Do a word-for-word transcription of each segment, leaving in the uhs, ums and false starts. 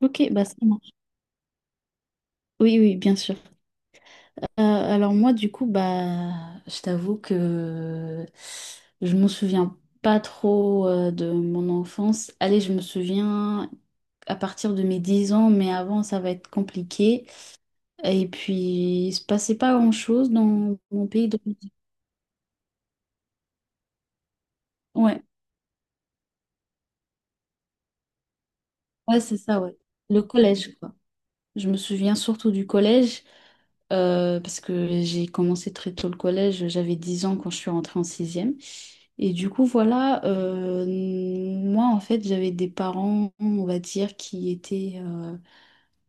Ok, bah ça marche. Oui, oui, bien sûr. Euh, alors moi, du coup, bah, je t'avoue que je me souviens pas trop euh, de mon enfance. Allez, je me souviens à partir de mes dix ans, mais avant, ça va être compliqué. Et puis, il se passait pas grand-chose dans mon pays d'origine. Ouais, ouais, c'est ça, ouais. Le collège, quoi. Je me souviens surtout du collège. euh, parce que j'ai commencé très tôt le collège, j'avais dix ans quand je suis rentrée en sixième. Et du coup, voilà, euh, moi, en fait, j'avais des parents, on va dire, qui étaient, euh,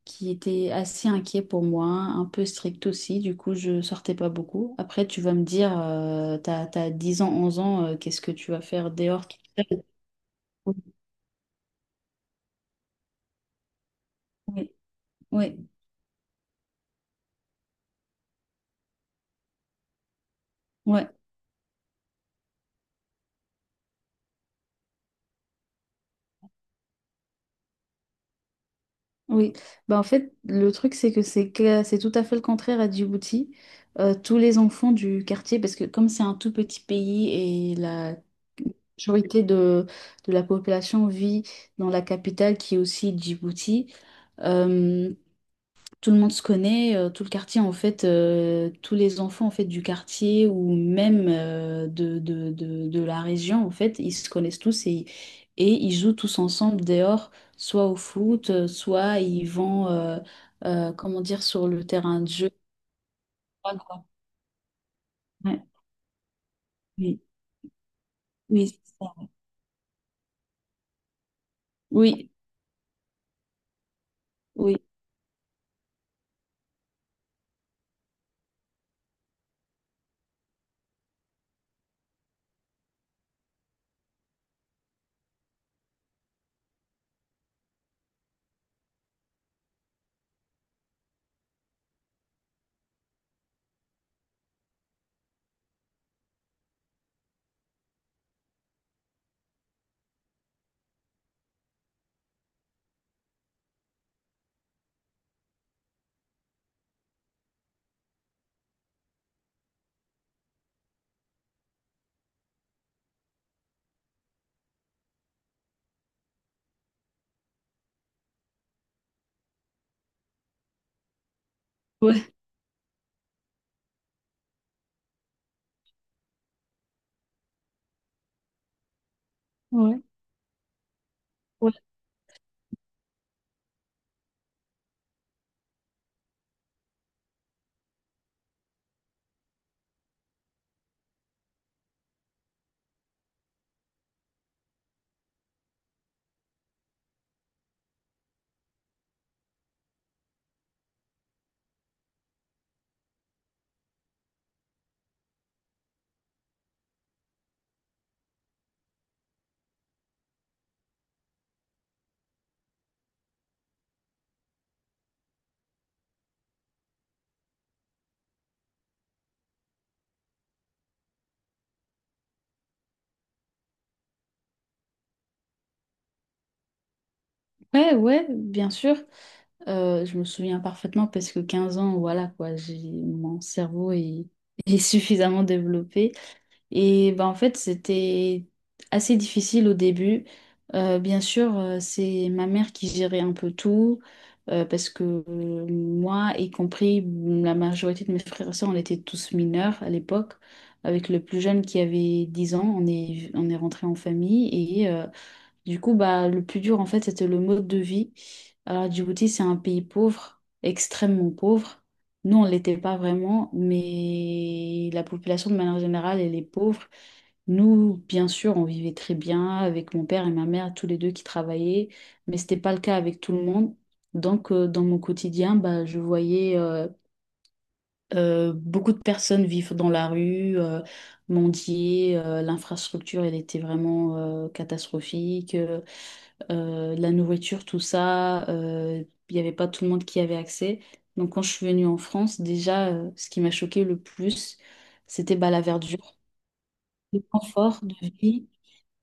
qui étaient assez inquiets pour moi, un peu stricts aussi. Du coup, je sortais pas beaucoup. Après, tu vas me dire, euh, t'as, t'as dix ans, onze ans, euh, qu'est-ce que tu vas faire dehors? Oui, oui, ouais. Oui, bah en fait, le truc, c'est que c'est que- c'est tout à fait le contraire à Djibouti. Euh, tous les enfants du quartier, parce que comme c'est un tout petit pays et la majorité de, de la population vit dans la capitale qui est aussi Djibouti, euh, tout le monde se connaît, euh, tout le quartier en fait, euh, tous les enfants en fait du quartier ou même euh, de, de, de, de la région en fait, ils se connaissent tous et, et ils jouent tous ensemble dehors, soit au foot, euh, soit ils vont euh, euh, comment dire sur le terrain de jeu. Ah, quoi. Ouais, oui, oui, c'est ça. Oui, oui, ouais, ouais. Ouais, ouais, ouais, bien sûr. Euh, je me souviens parfaitement parce que quinze ans, voilà quoi, j'ai mon cerveau est, est suffisamment développé. Et ben, en fait, c'était assez difficile au début. Euh, bien sûr, euh, c'est ma mère qui gérait un peu tout, euh, parce que euh, moi, y compris la majorité de mes frères et sœurs, on était tous mineurs à l'époque. Avec le plus jeune qui avait dix ans, on est, on est rentré en famille et euh, du coup, bah, le plus dur, en fait, c'était le mode de vie. Alors, Djibouti, c'est un pays pauvre, extrêmement pauvre. Nous, on ne l'était pas vraiment, mais la population, de manière générale, elle est pauvre. Nous, bien sûr, on vivait très bien avec mon père et ma mère, tous les deux qui travaillaient, mais ce n'était pas le cas avec tout le monde. Donc, euh, dans mon quotidien, bah, je voyais euh, euh, beaucoup de personnes vivre dans la rue, euh, mendier. Euh, l'infrastructure, elle était vraiment euh, catastrophique. Euh, euh, de la nourriture, tout ça. euh, Il n'y avait pas tout le monde qui avait accès. Donc quand je suis venue en France, déjà, euh, ce qui m'a choqué le plus, c'était bah, la verdure, le confort de vie,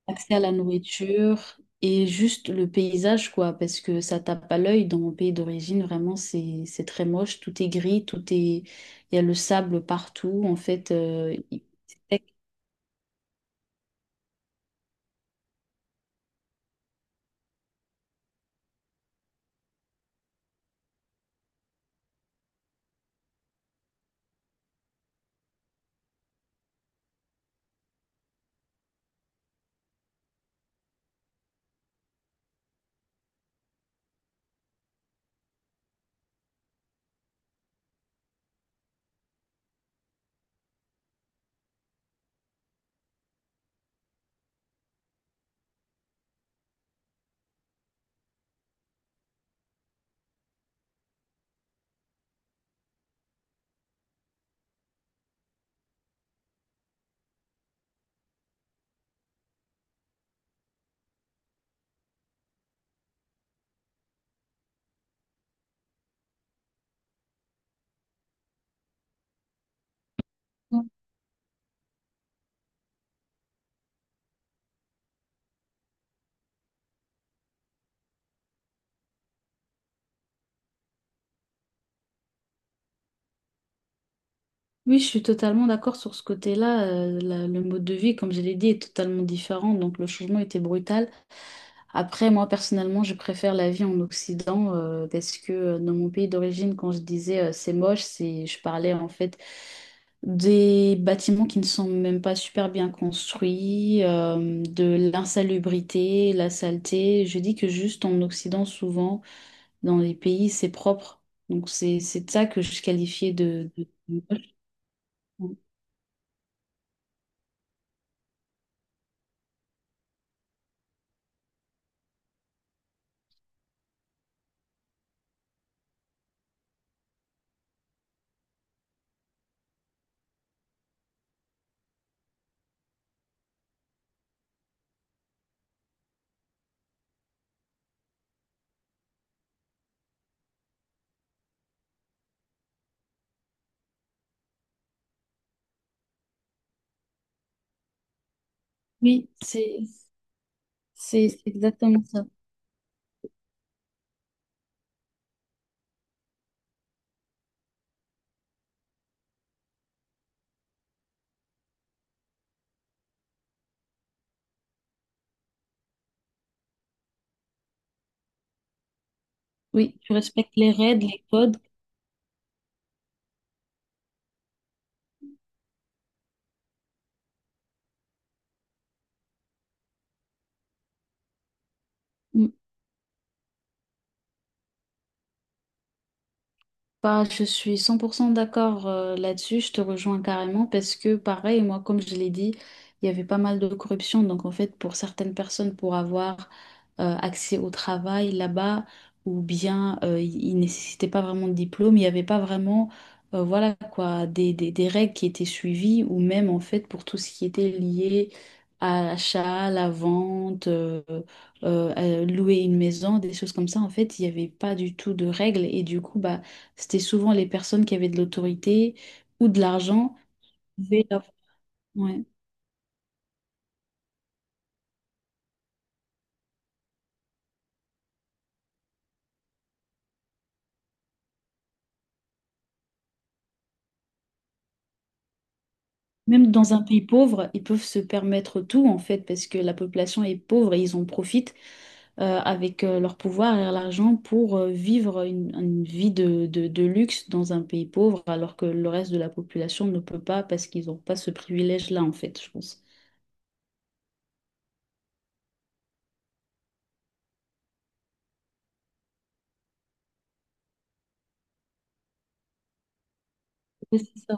accès à la nourriture et juste le paysage, quoi, parce que ça tape à l'œil dans mon pays d'origine, vraiment, c'est, c'est très moche, tout est gris, tout est. Il y a le sable partout, en fait. euh, il- c'est sec. Oui, je suis totalement d'accord sur ce côté-là. Euh, la- le mode de vie, comme je l'ai dit, est totalement différent, donc le changement était brutal. Après, moi, personnellement, je préfère la vie en Occident euh, parce que euh, dans mon pays d'origine, quand je disais euh, c'est moche, c'est, je parlais en fait des bâtiments qui ne sont même pas super bien construits, euh, de l'insalubrité, la saleté. Je dis que juste en Occident, souvent, dans les pays, c'est propre. Donc c'est c'est de ça que je qualifiais de, de de moche. Oui, c'est c'est c'est exactement ça. Oui, tu respectes les règles, les codes. Mm. Bah, je suis cent pour cent d'accord euh, là-dessus, je te rejoins carrément parce que pareil, moi, comme je l'ai dit, il y avait pas mal de corruption. Donc, en fait, pour certaines personnes, pour avoir euh, accès au travail là-bas, ou bien euh, ils ne nécessitaient pas vraiment de diplôme, il n'y avait pas vraiment euh, voilà quoi, des, des, des règles qui étaient suivies, ou même en fait pour tout ce qui était lié à l'achat, à la vente, euh, euh, à louer une maison, des choses comme ça, en fait, il n'y avait pas du tout de règles. Et du coup, bah, c'était souvent les personnes qui avaient de l'autorité ou de l'argent. qui pouvaient avoir- ouais. Même dans un pays pauvre, ils peuvent se permettre tout, en fait, parce que la population est pauvre et ils en profitent euh, avec euh, leur pouvoir et l'argent pour euh, vivre une, une, vie de, de- de luxe dans un pays pauvre, alors que le reste de la population ne peut pas parce qu'ils n'ont pas ce privilège-là, en fait, je pense. Oui, c'est ça,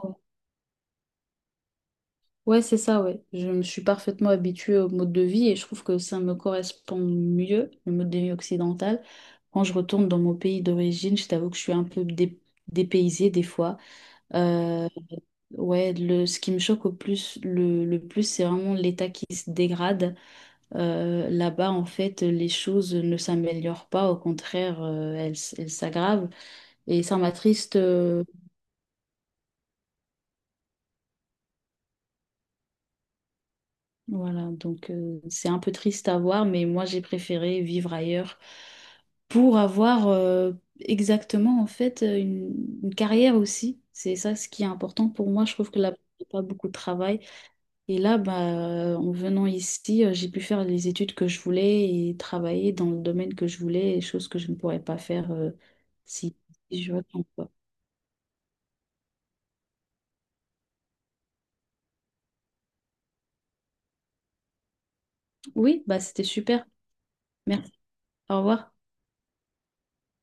ouais, c'est ça, ouais. Je me suis parfaitement habituée au mode de vie et je trouve que ça me correspond mieux, le mode de vie occidental. Quand je retourne dans mon pays d'origine, je t'avoue que je suis un peu dé- dépaysée des fois. Euh, ouais, le, ce qui me choque au plus, le, le plus, c'est vraiment l'état qui se dégrade. Euh, là-bas, en fait, les choses ne s'améliorent pas, au contraire, euh, elles, s- elles s'aggravent. Et ça m'attriste. euh, Voilà, donc euh, c'est un peu triste à voir, mais moi j'ai préféré vivre ailleurs pour avoir euh, exactement en fait euh, une, une, carrière aussi. C'est ça ce qui est important pour moi. Je trouve que là, il n'y a pas beaucoup de travail. Et là, bah, en venant ici, euh, j'ai pu faire les études que je voulais et travailler dans le domaine que je voulais, et choses que je ne pourrais pas faire euh, si, si je retourne, quoi. Oui, bah, c'était super. Merci. Au revoir.